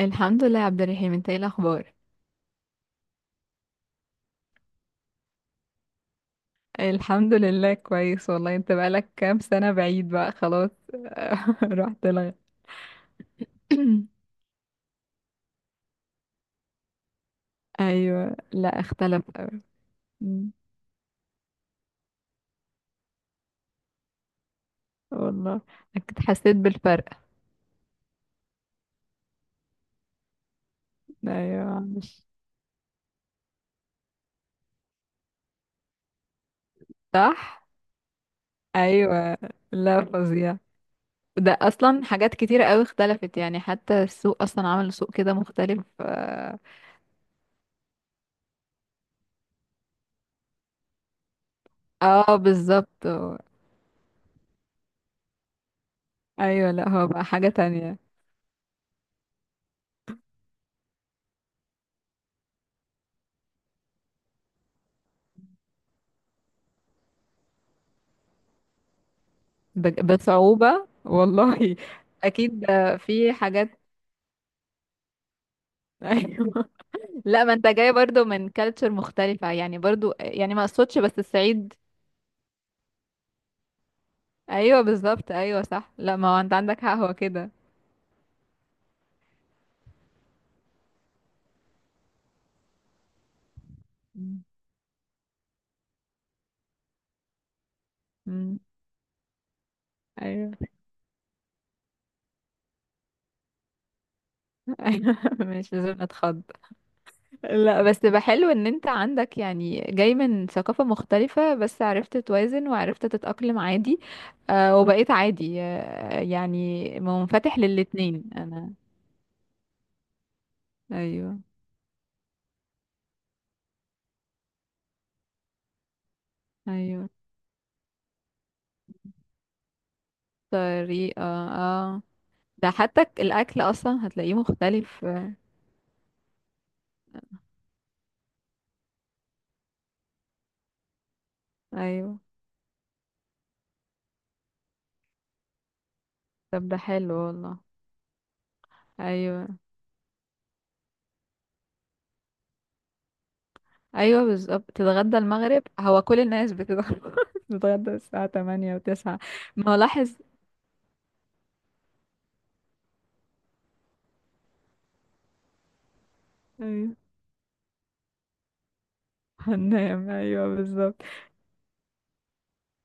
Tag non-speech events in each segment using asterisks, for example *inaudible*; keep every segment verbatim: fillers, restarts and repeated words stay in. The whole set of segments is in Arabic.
الحمد لله يا عبد الرحيم، انت ايه الاخبار؟ الحمد لله كويس والله. انت بقالك كام سنة بعيد بقى خلاص. *laughs* رحت لغ *coughs* ايوه، لا اختلف قوي. مم. والله اكيد حسيت بالفرق. ايوه مش صح. ايوه لا فظيع. ده اصلا حاجات كتيرة قوي اختلفت يعني، حتى السوق اصلا عمل سوق كده مختلف. اه اه، بالظبط. ايوه لا هو بقى حاجة تانية. ب- بصعوبة والله *laughs* أكيد. في حاجات. أيوة. *laughs* لا ما أنت جاي برضو من كالتشر مختلفة يعني، برضو يعني ما أقصدش بس الصعيد. أيوة بالظبط، أيوة صح، لا ما هو أنت عندك حق، هو كده. مم. مم. أيوة. *laughs* أيوة مش لازم أتخض. لا بس بقى حلو إن أنت عندك يعني جاي من ثقافة مختلفة، بس عرفت توازن وعرفت تتأقلم عادي. آه، وبقيت عادي آه يعني منفتح للاتنين أنا. أيوة أيوة. طريقة. اه، ده حتى ك- الأكل أصلا هتلاقيه مختلف. آه، أيوه طب ده حلو والله. أيوه أيوه بالظبط، تتغدى المغرب. هو كل الناس بتتغدى *laughs* بتتغدى الساعة تمانية وتسعة. ما هو لاحظ. أيوه هننام، أيوه بالظبط.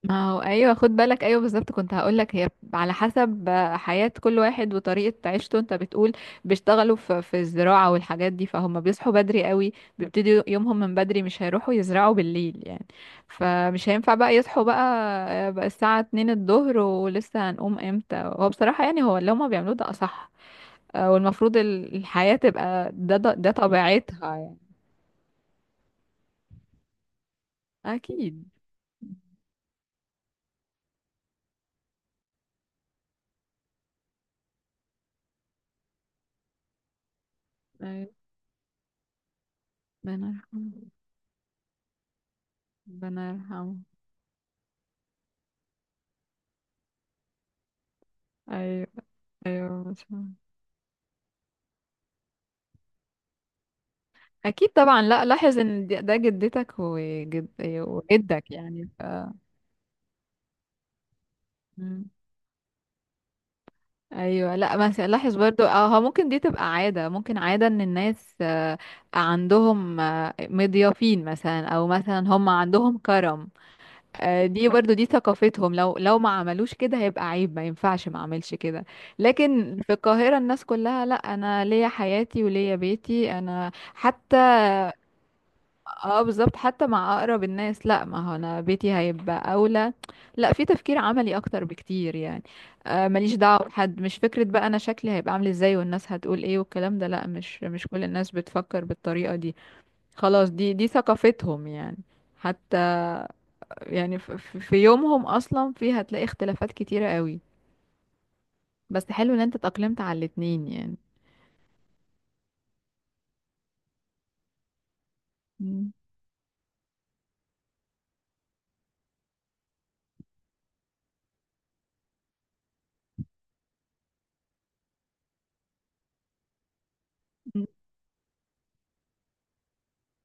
ما هو ايوه خد بالك، ايوه بالظبط. كنت هقولك هي على حسب حياة كل واحد وطريقة عيشته. انت بتقول بيشتغلوا في, في الزراعة والحاجات دي، فهم بيصحوا بدري قوي، بيبتدوا يومهم من بدري، مش هيروحوا يزرعوا بالليل يعني. فمش هينفع بقى يصحوا بقى, بقى الساعة اتنين الظهر ولسه هنقوم امتى. هو بصراحة يعني هو اللي هما بيعملوه ده اصح. آه، والمفروض ال- الحياة تبقى ده ده, ده طبيعتها يعني. اكيد. أيوة. ربنا يرحمه. ربنا يرحمه. ايوه. ايوه مثلا. اكيد طبعا. لا لاحظ ان دي- ده جدتك وجد وجدك يعني ف. مم. ايوه لا مثلا لاحظ برضو، اه هو ممكن دي تبقى عاده، ممكن عاده ان الناس آه، عندهم آه، مضيافين مثلا، او مثلا هم عندهم كرم. آه، دي برضو دي ثقافتهم، لو لو ما عملوش كده هيبقى عيب، ما ينفعش ما اعملش كده. لكن في القاهره الناس كلها لا، انا ليا حياتي وليا بيتي انا حتى. اه بالظبط، حتى مع اقرب الناس، لا ما هو انا بيتي هيبقى اولى. لا في تفكير عملي اكتر بكتير يعني. آه ماليش دعوه بحد، مش فكره بقى انا شكلي هيبقى عامل ازاي والناس هتقول ايه والكلام ده. لا مش مش كل الناس بتفكر بالطريقه دي. خلاص دي دي ثقافتهم يعني. حتى يعني ف- ف- في يومهم اصلا في هتلاقي اختلافات كتيره قوي. بس حلو ان انت اتأقلمت على الاتنين يعني. مم. مم.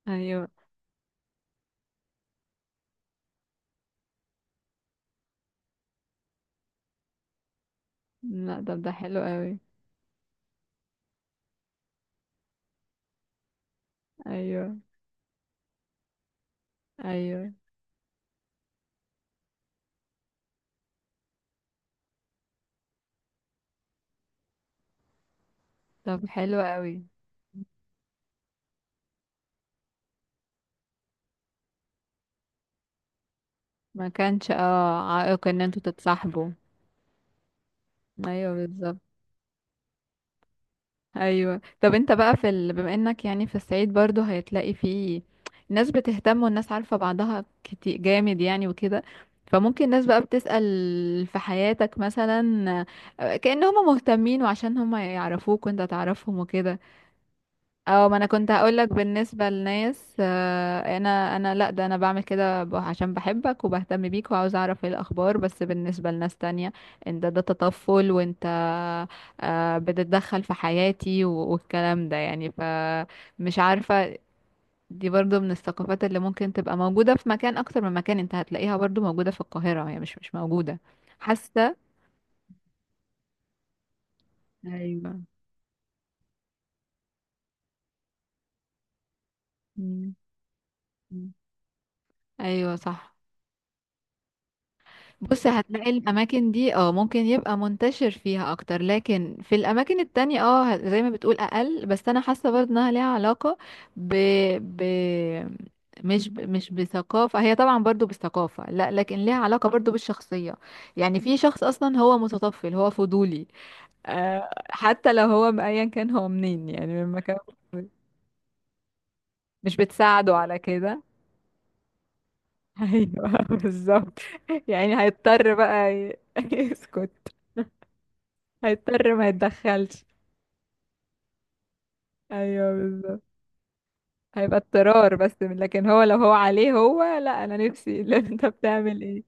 ايوه. لا طب ده حلو قوي. ايوه ايوه. طب حلو قوي. ما كانش اه عائق ان انتوا تتصاحبوا. ايوه بالظبط. ايوه طب انت بقى في ال... بما انك يعني في الصعيد برضو هيتلاقي فيه ناس بتهتم، والناس عارفة بعضها كتير جامد يعني وكده، فممكن ناس بقى بتسأل في حياتك مثلا، آه، كأن هم مهتمين وعشان هم يعرفوك وانت تعرفهم وكده. اه، ما انا كنت هقولك بالنسبه للناس آه، انا انا لا ده انا بعمل كده ب- عشان بحبك وبهتم بيك وعاوز اعرف ايه الاخبار. بس بالنسبه لناس تانية، انت ده تطفل، وانت آه، بتتدخل في حياتي و- والكلام ده يعني، فمش عارفه. دي برضو من الثقافات اللي ممكن تبقى موجوده في مكان اكتر من مكان. انت هتلاقيها برضو موجوده في القاهره، هي مش مش موجوده. حاسه. ايوه. مم. مم. ايوه صح. بص هتلاقي الاماكن دي اه ممكن يبقى منتشر فيها اكتر، لكن في الاماكن التانية اه ه- زي ما بتقول اقل، بس انا حاسة برضه انها ليها علاقة ب... ب... مش ب... مش بثقافة. هي طبعا برضو بالثقافة، لا لكن ليها علاقة برضو بالشخصية يعني. في شخص اصلا هو متطفل هو فضولي، آه حتى لو هو م- ايا كان هو منين يعني من مكان مش بتساعده على كده. *laughs* ايوه بالظبط. يعني هيضطر بقى ي- *laughs* يسكت. هيضطر ما يتدخلش ايوه بالظبط. هيبقى اضطرار بس، لكن هو لو هو عليه هو لا، انا نفسي *laughs* اللي انت بتعمل ايه.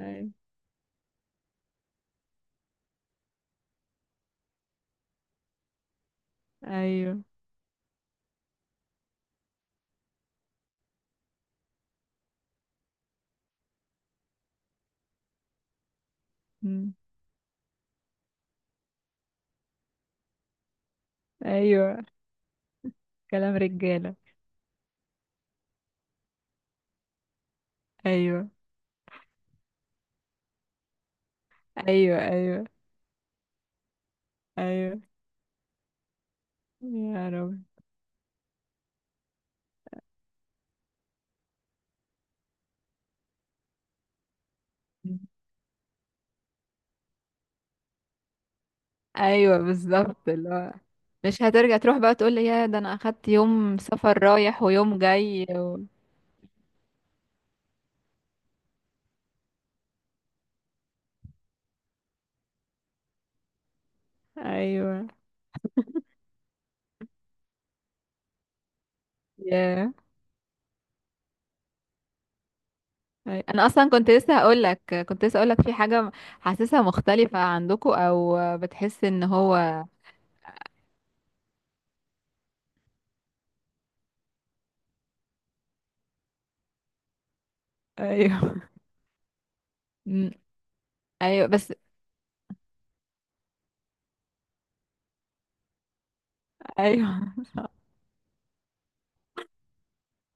ايوه ايوه. مم. ايوه. كلام رجاله. ايوه ايوه ايوه. ايوه. يا رب. مم. ايوه بالظبط، اللي هو مش هترجع تروح بقى تقول لي يا ده انا اخدت يوم سفر رايح ويوم جاي و... ايوه. ياه. أي- انا اصلا كنت لسه هقول لك كنت لسه هقول لك في حاجه حاسسها مختلفه عندكم، او بتحس ان هو. ايوه. مم، ايوه بس. ايوه *laughs*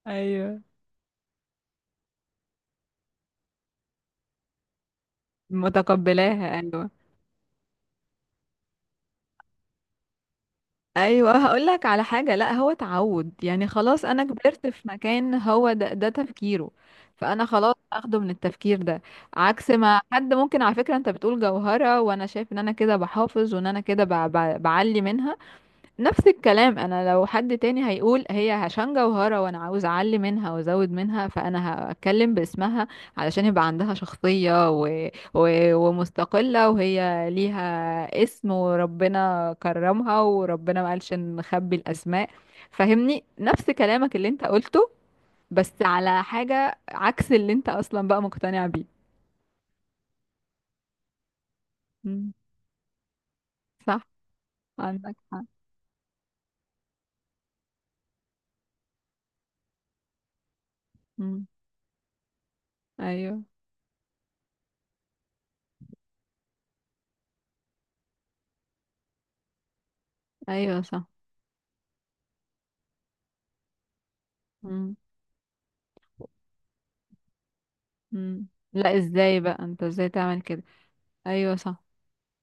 ايوه متقبلاها، ايوه. ايوه هقول لك على حاجه، لا هو تعود يعني. خلاص انا كبرت في مكان هو ده, ده تفكيره، فانا خلاص اخده من التفكير ده، عكس ما حد ممكن. على فكره انت بتقول جوهره، وانا شايف ان انا كده بحافظ وان انا كده ب- ب- بعلي منها. نفس الكلام، انا لو حد تاني هيقول هي هشام جوهرة وانا عاوز اعلي منها وازود منها، فانا هتكلم باسمها علشان يبقى عندها شخصية و... و... ومستقلة، وهي ليها اسم وربنا كرمها وربنا ما قالش نخبي الاسماء. فهمني نفس كلامك اللي انت قلته، بس على حاجة عكس اللي انت اصلا بقى مقتنع بيه. مم. صح. عندك حق. مم. ايوه. ايوه صح. مم. مم. لا ازاي بقى انت ازاي تعمل كده. ايوه صح.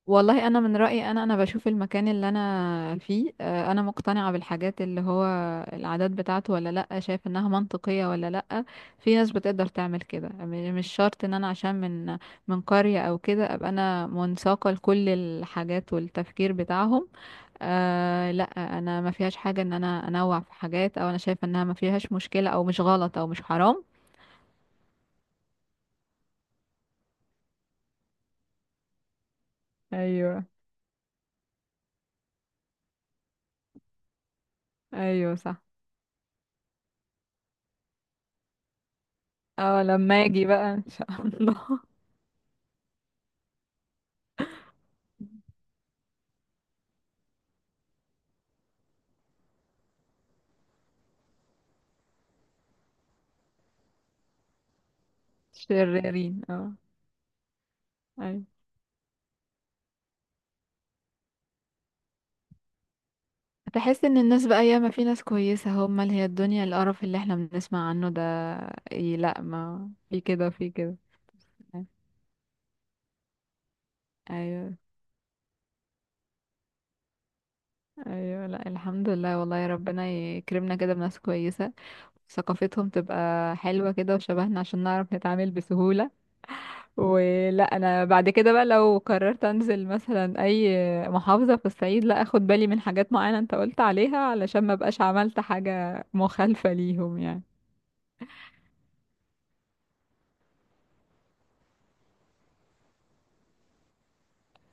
والله انا من رايي، انا انا بشوف المكان اللي انا فيه آه، انا مقتنعه بالحاجات اللي هو العادات بتاعته ولا لا، شايف انها منطقيه ولا لا. في ناس بتقدر تعمل كده، م- مش شرط ان انا عشان من من قريه او كده ابقى انا منساقه لكل الحاجات والتفكير بتاعهم. آه لا انا ما فيهاش حاجه ان انا انوع في حاجات، او انا شايفه انها ما فيهاش مشكله او مش غلط او مش حرام. ايوه. ايوه صح. اه لما اجي بقى ان شاء الله. *laughs* شريرين اه. ايوه تحس ان الناس بقى، ياما في ناس كويسة، هم اللي هي الدنيا القرف اللي احنا بنسمع عنه ده. إيه لا ما في كده في كده. ايوه. ايوه لا الحمد لله والله، يا ربنا يكرمنا كده بناس كويسة ثقافتهم تبقى حلوة كده وشبهنا عشان نعرف نتعامل بسهولة. ولا انا بعد كده بقى لو قررت انزل مثلا اي محافظة في الصعيد، لا اخد بالي من حاجات معينة انت قلت عليها علشان ما بقاش عملت حاجة مخالفة ليهم يعني.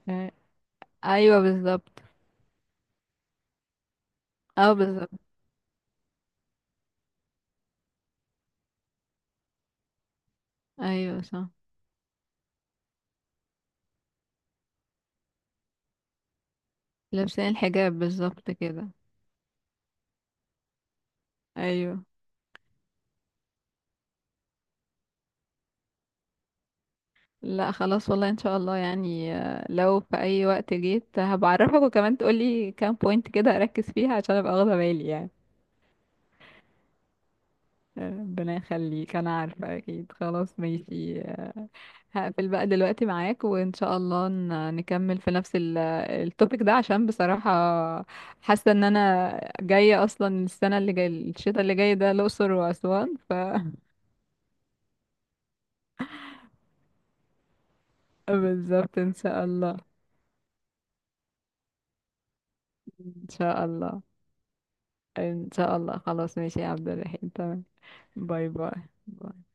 آه، ايوه بالظبط. اه بالظبط. ايوه صح. لابسين الحجاب بالظبط كده. ايوه. لا خلاص والله ان شاء الله يعني، آه، لو في اي وقت جيت هبعرفك، وكمان تقولي كام بوينت كده اركز فيها عشان ابقى واخده بالي يعني. ربنا يخليك، انا عارفة اكيد. خلاص ماشي، آه، هقفل بقى دلوقتي معاك، وان شاء الله ن- نكمل في نفس التوبيك ده عشان بصراحة حاسة ان انا جاية اصلا السنة اللي جاية، الشتاء اللي جاي ده الاقصر واسوان ف *laughs* بالظبط ان شاء الله. ان شاء الله. ان شاء الله خلاص ماشي يا عبد الرحيم، تمام. باي باي. باي.